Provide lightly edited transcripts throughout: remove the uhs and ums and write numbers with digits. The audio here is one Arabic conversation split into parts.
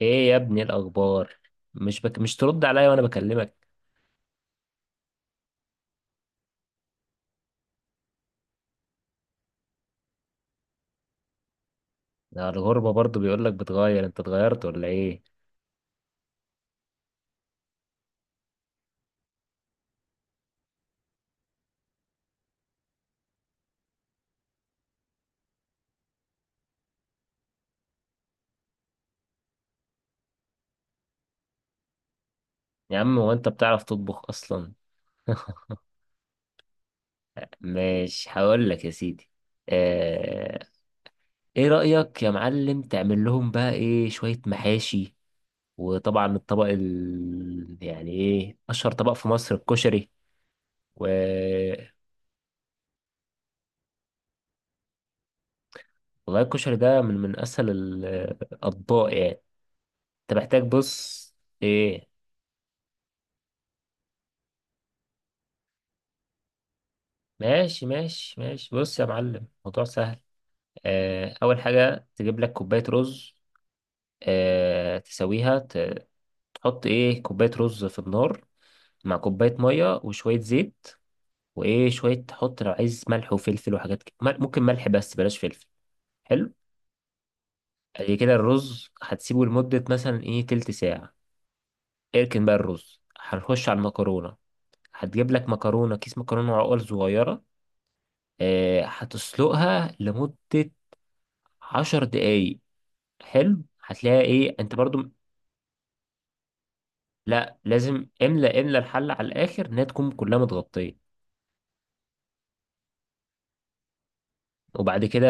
ايه يا ابني الاخبار؟ مش ترد عليا وانا بكلمك. ده الغربة برضو بيقولك بتغير، انت اتغيرت ولا ايه؟ يا عم هو انت بتعرف تطبخ اصلا؟ مش هقول لك يا سيدي. آه... ايه رأيك يا معلم تعمل لهم بقى ايه شوية محاشي؟ وطبعا يعني ايه اشهر طبق في مصر؟ الكشري و والله الكشري ده من اسهل الاطباق يعني. انت محتاج بص. ايه؟ ماشي ماشي ماشي، بص يا معلم، موضوع سهل. أول حاجة تجيب لك كوباية رز. آه، تسويها ت- تحط إيه كوباية رز في النار، مع كوباية مية وشوية زيت. وإيه شوية تحط لو عايز ملح وفلفل وحاجات كده، ممكن ملح بس بلاش فلفل. حلو. ادي كده، الرز هتسيبه لمدة مثلا إيه تلت ساعة. اركن بقى الرز، هنخش على المكرونة. هتجيب لك مكرونة، كيس مكرونة عقل صغيرة. هتسلقها لمدة عشر دقايق. حلو، هتلاقيها ايه انت برضو. لا لازم املى الحلة على الاخر، انها تكون كلها متغطية. وبعد كده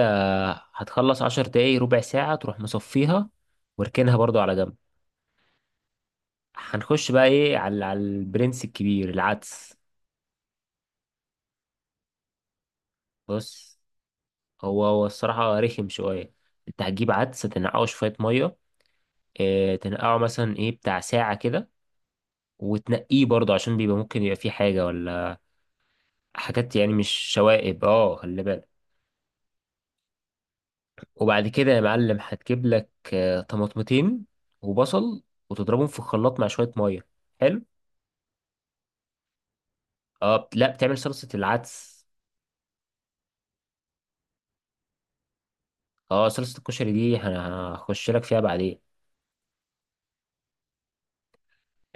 هتخلص عشر دقايق، ربع ساعة تروح مصفيها واركنها برضو على جنب. هنخش بقى ايه على البرنس الكبير، العدس. بص، هو الصراحة رخم شوية. انت هتجيب عدس، تنقعه شوية مية. اه تنقعه مثلا ايه بتاع ساعة كده، وتنقيه برضو عشان بيبقى ممكن يبقى فيه حاجة ولا حاجات، يعني مش شوائب، اه خلي بالك. وبعد كده يا معلم هتجيب لك طماطمتين وبصل، وتضربهم في الخلاط مع شوية مية. حلو. اه لا بتعمل صلصة العدس. اه صلصة الكشري دي، هخش لك فيها بعدين.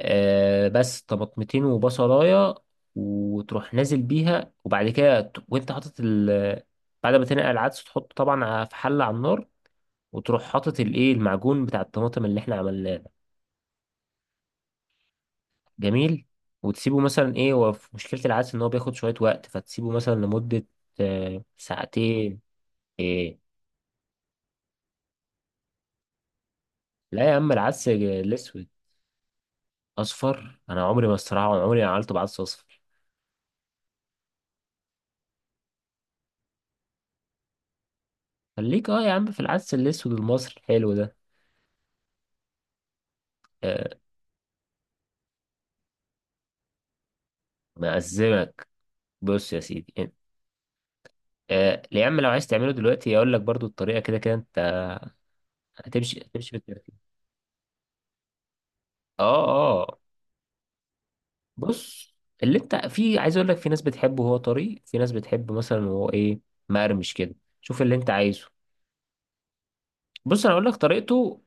آه بس طماطمتين وبصلاية، وتروح نازل بيها. وبعد كده وانت حاطط بعد ما تنقع العدس تحطه طبعا في حلة على النار، وتروح حاطط الايه المعجون بتاع الطماطم اللي احنا عملناه. جميل. وتسيبه مثلا ايه، هو في مشكلة العدس ان هو بياخد شوية وقت، فتسيبه مثلا لمدة ساعتين. ايه؟ لا يا عم، العدس الاسود. اصفر؟ انا عمري ما، الصراحة، عمري ما عملته بعدس اصفر. خليك اه يا عم في العدس الاسود المصري الحلو ده. آه، مأزمك. بص يا سيدي. يا عم لو عايز تعمله دلوقتي اقول لك برضو الطريقة، كده كده انت هتمشي بالترتيب. اه، اه. بص، اللي انت في عايز اقول لك، في ناس بتحبه وهو طري، في ناس بتحب مثلا وهو ايه، مقرمش كده. شوف اللي انت عايزه. بص انا هقول لك طريقته.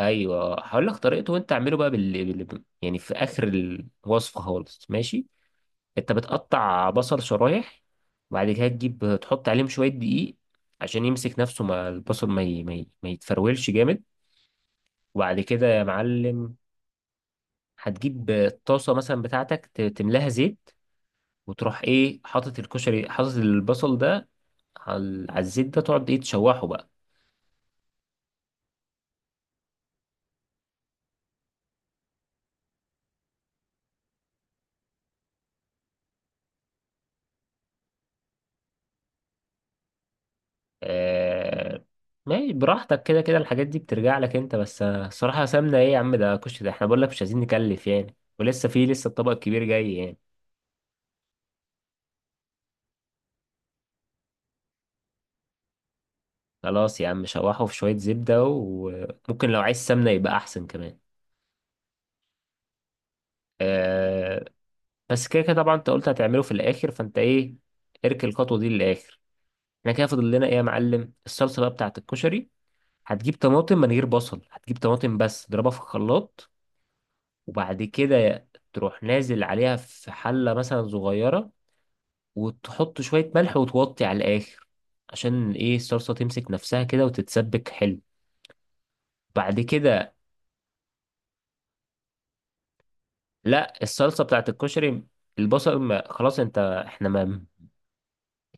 ايوه هقول لك طريقته، وانت اعمله بقى يعني في اخر الوصفه خالص، ماشي. انت بتقطع بصل شرايح، وبعد كده تجيب تحط عليهم شويه دقيق، عشان يمسك نفسه مع البصل، ما يتفرولش جامد. وبعد كده يا معلم هتجيب الطاسه مثلا بتاعتك، تملاها زيت، وتروح ايه حاطط الكشري حاطط البصل ده على الزيت ده، تقعد ايه تشوحه بقى. آه... ماشي براحتك، كده كده الحاجات دي بترجع لك انت، بس الصراحة سمنة ايه يا عم، ده كشري، ده احنا بقول لك مش عايزين نكلف يعني، ولسه في لسه الطبق الكبير جاي يعني. خلاص يا عم شوحه في شوية زبدة، وممكن لو عايز سمنة يبقى احسن كمان. آه... بس كده كده طبعا انت قلت هتعمله في الاخر، فانت ايه اركن الخطوة دي للاخر. احنا كده فاضل لنا ايه يا معلم؟ الصلصة بقى بتاعت الكشري، هتجيب طماطم من غير بصل، هتجيب طماطم بس تضربها في الخلاط، وبعد كده تروح نازل عليها في حلة مثلا صغيرة، وتحط شوية ملح وتوطي على الآخر، عشان ايه الصلصة تمسك نفسها كده وتتسبك حلو. بعد كده، لا الصلصة بتاعت الكشري، البصل ما خلاص انت، احنا ما،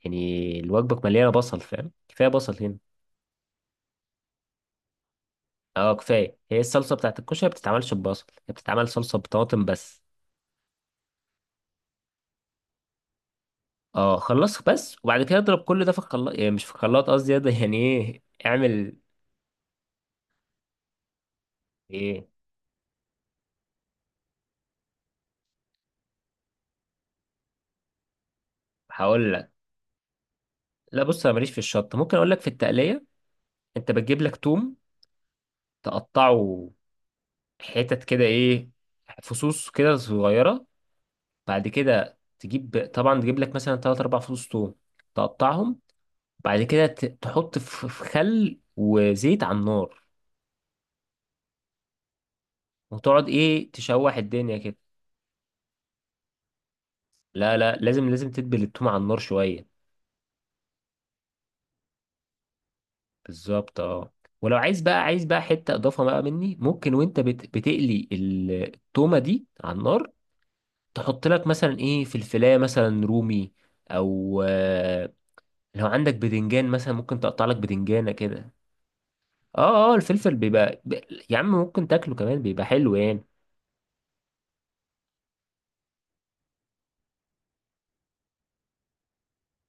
يعني الوجبة مليانة بصل فاهم، كفاية بصل هنا. اه كفاية، هي الصلصة بتاعت الكشري ما بتتعملش ببصل، هي بتتعمل صلصة بطماطم بس. اه خلص بس. وبعد كده اضرب كل ده في الخلاط، يعني مش في الخلاط قصدي، ده يعني ايه اعمل. ايه؟ هقول لك. لا بص انا ماليش في الشط، ممكن اقول لك في التقليه. انت بتجيب لك توم، تقطعه حتت كده ايه، فصوص كده صغيره. بعد كده تجيب، طبعا تجيب لك مثلا 3 4 فصوص توم، تقطعهم. بعد كده تحط في خل وزيت على النار، وتقعد ايه تشوح الدنيا كده. لا لا، لازم تدبل التوم على النار شويه. بالظبط اه. ولو عايز بقى، حته اضافه بقى مني، ممكن وانت بتقلي التومه دي على النار، تحط لك مثلا ايه في الفلايه مثلا رومي، او لو عندك بدنجان مثلا ممكن تقطع لك بدنجانه كده. اه اه، الفلفل بيبقى. يا عم ممكن تاكله كمان بيبقى حلو يعني.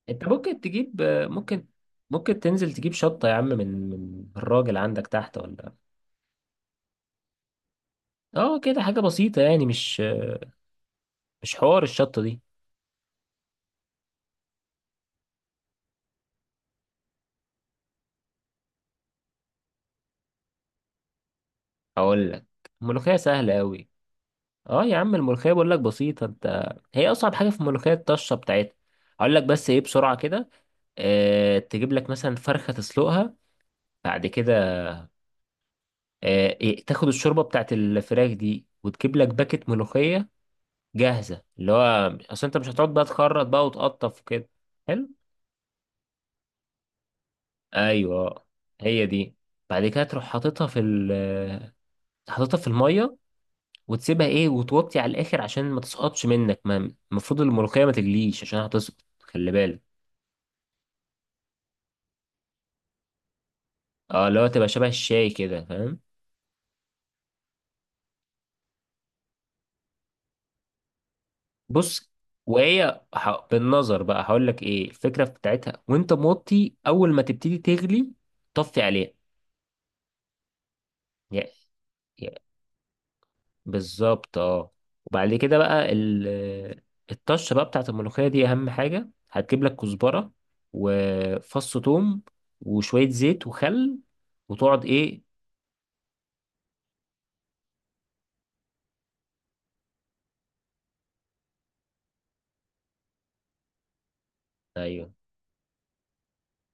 انت ممكن تجيب ممكن تنزل تجيب شطه يا عم، من الراجل عندك تحت ولا. اه كده حاجه بسيطه يعني، مش حوار الشطه دي. هقول لك. الملوخيه سهله قوي. اه يا عم الملوخية بقول لك بسيطة، انت هي أصعب حاجة في الملوخية الطشة بتاعتها. هقول لك بس ايه بسرعة كده. اه تجيب لك مثلا فرخة تسلقها. بعد كده، اه تاخد الشوربة بتاعت الفراخ دي وتجيب لك باكت ملوخية جاهزة، اللي هو أصل انت مش هتقعد بقى تخرط بقى وتقطف وكده. حلو. ايوه، هي دي. بعد كده تروح حاططها في المية، وتسيبها ايه وتوطي على الآخر عشان ما تسقطش منك، ما المفروض الملوخية ما تجليش عشان هتسقط، خلي بالك. اه اللي هو تبقى شبه الشاي كده فاهم. بص، بالنظر بقى، هقول لك ايه الفكره بتاعتها، وانت موطي اول ما تبتدي تغلي طفي عليها. يا- يا- بالظبط اه. وبعد كده بقى الطشه بقى بتاعت الملوخيه دي، اهم حاجه هتجيب لك كزبره وفص ثوم وشويه زيت وخل، وتقعد ايه. ايوه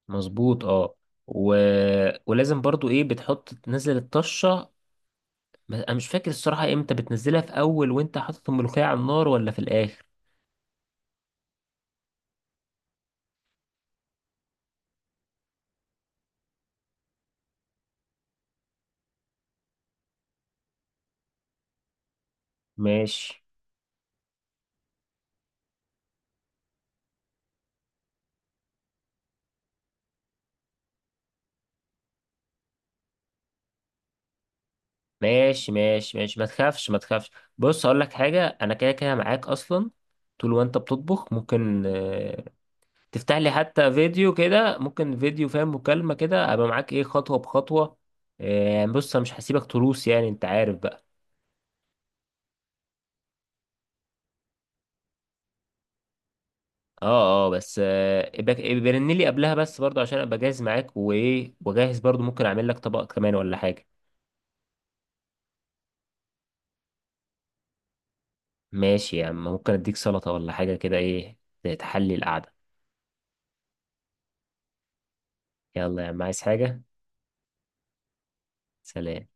مظبوط اه. و... ولازم برضو ايه بتحط تنزل الطشه. انا مش فاكر الصراحة امتى بتنزلها، في اول وانت حاطط الملوخية على النار ولا في الاخر. ماشي ماشي ماشي ماشي، ما تخافش ما تخافش. بص هقول لك حاجة، انا كده كده معاك اصلا، طول وانت بتطبخ ممكن تفتح لي حتى فيديو كده، ممكن فيديو فاهم، مكالمة كده، ابقى معاك ايه خطوة بخطوة. يعني بص انا مش هسيبك تروس يعني، انت عارف بقى. اه اه، بس ابقى رن لي قبلها بس برضه، عشان ابقى جاهز معاك، وايه وجاهز برضه ممكن اعمل لك طبق كمان ولا حاجة. ماشي يا عم، ممكن اديك سلطة ولا حاجة كده ايه، تحلي القعدة. يلا يا عم، عايز حاجة؟ سلام.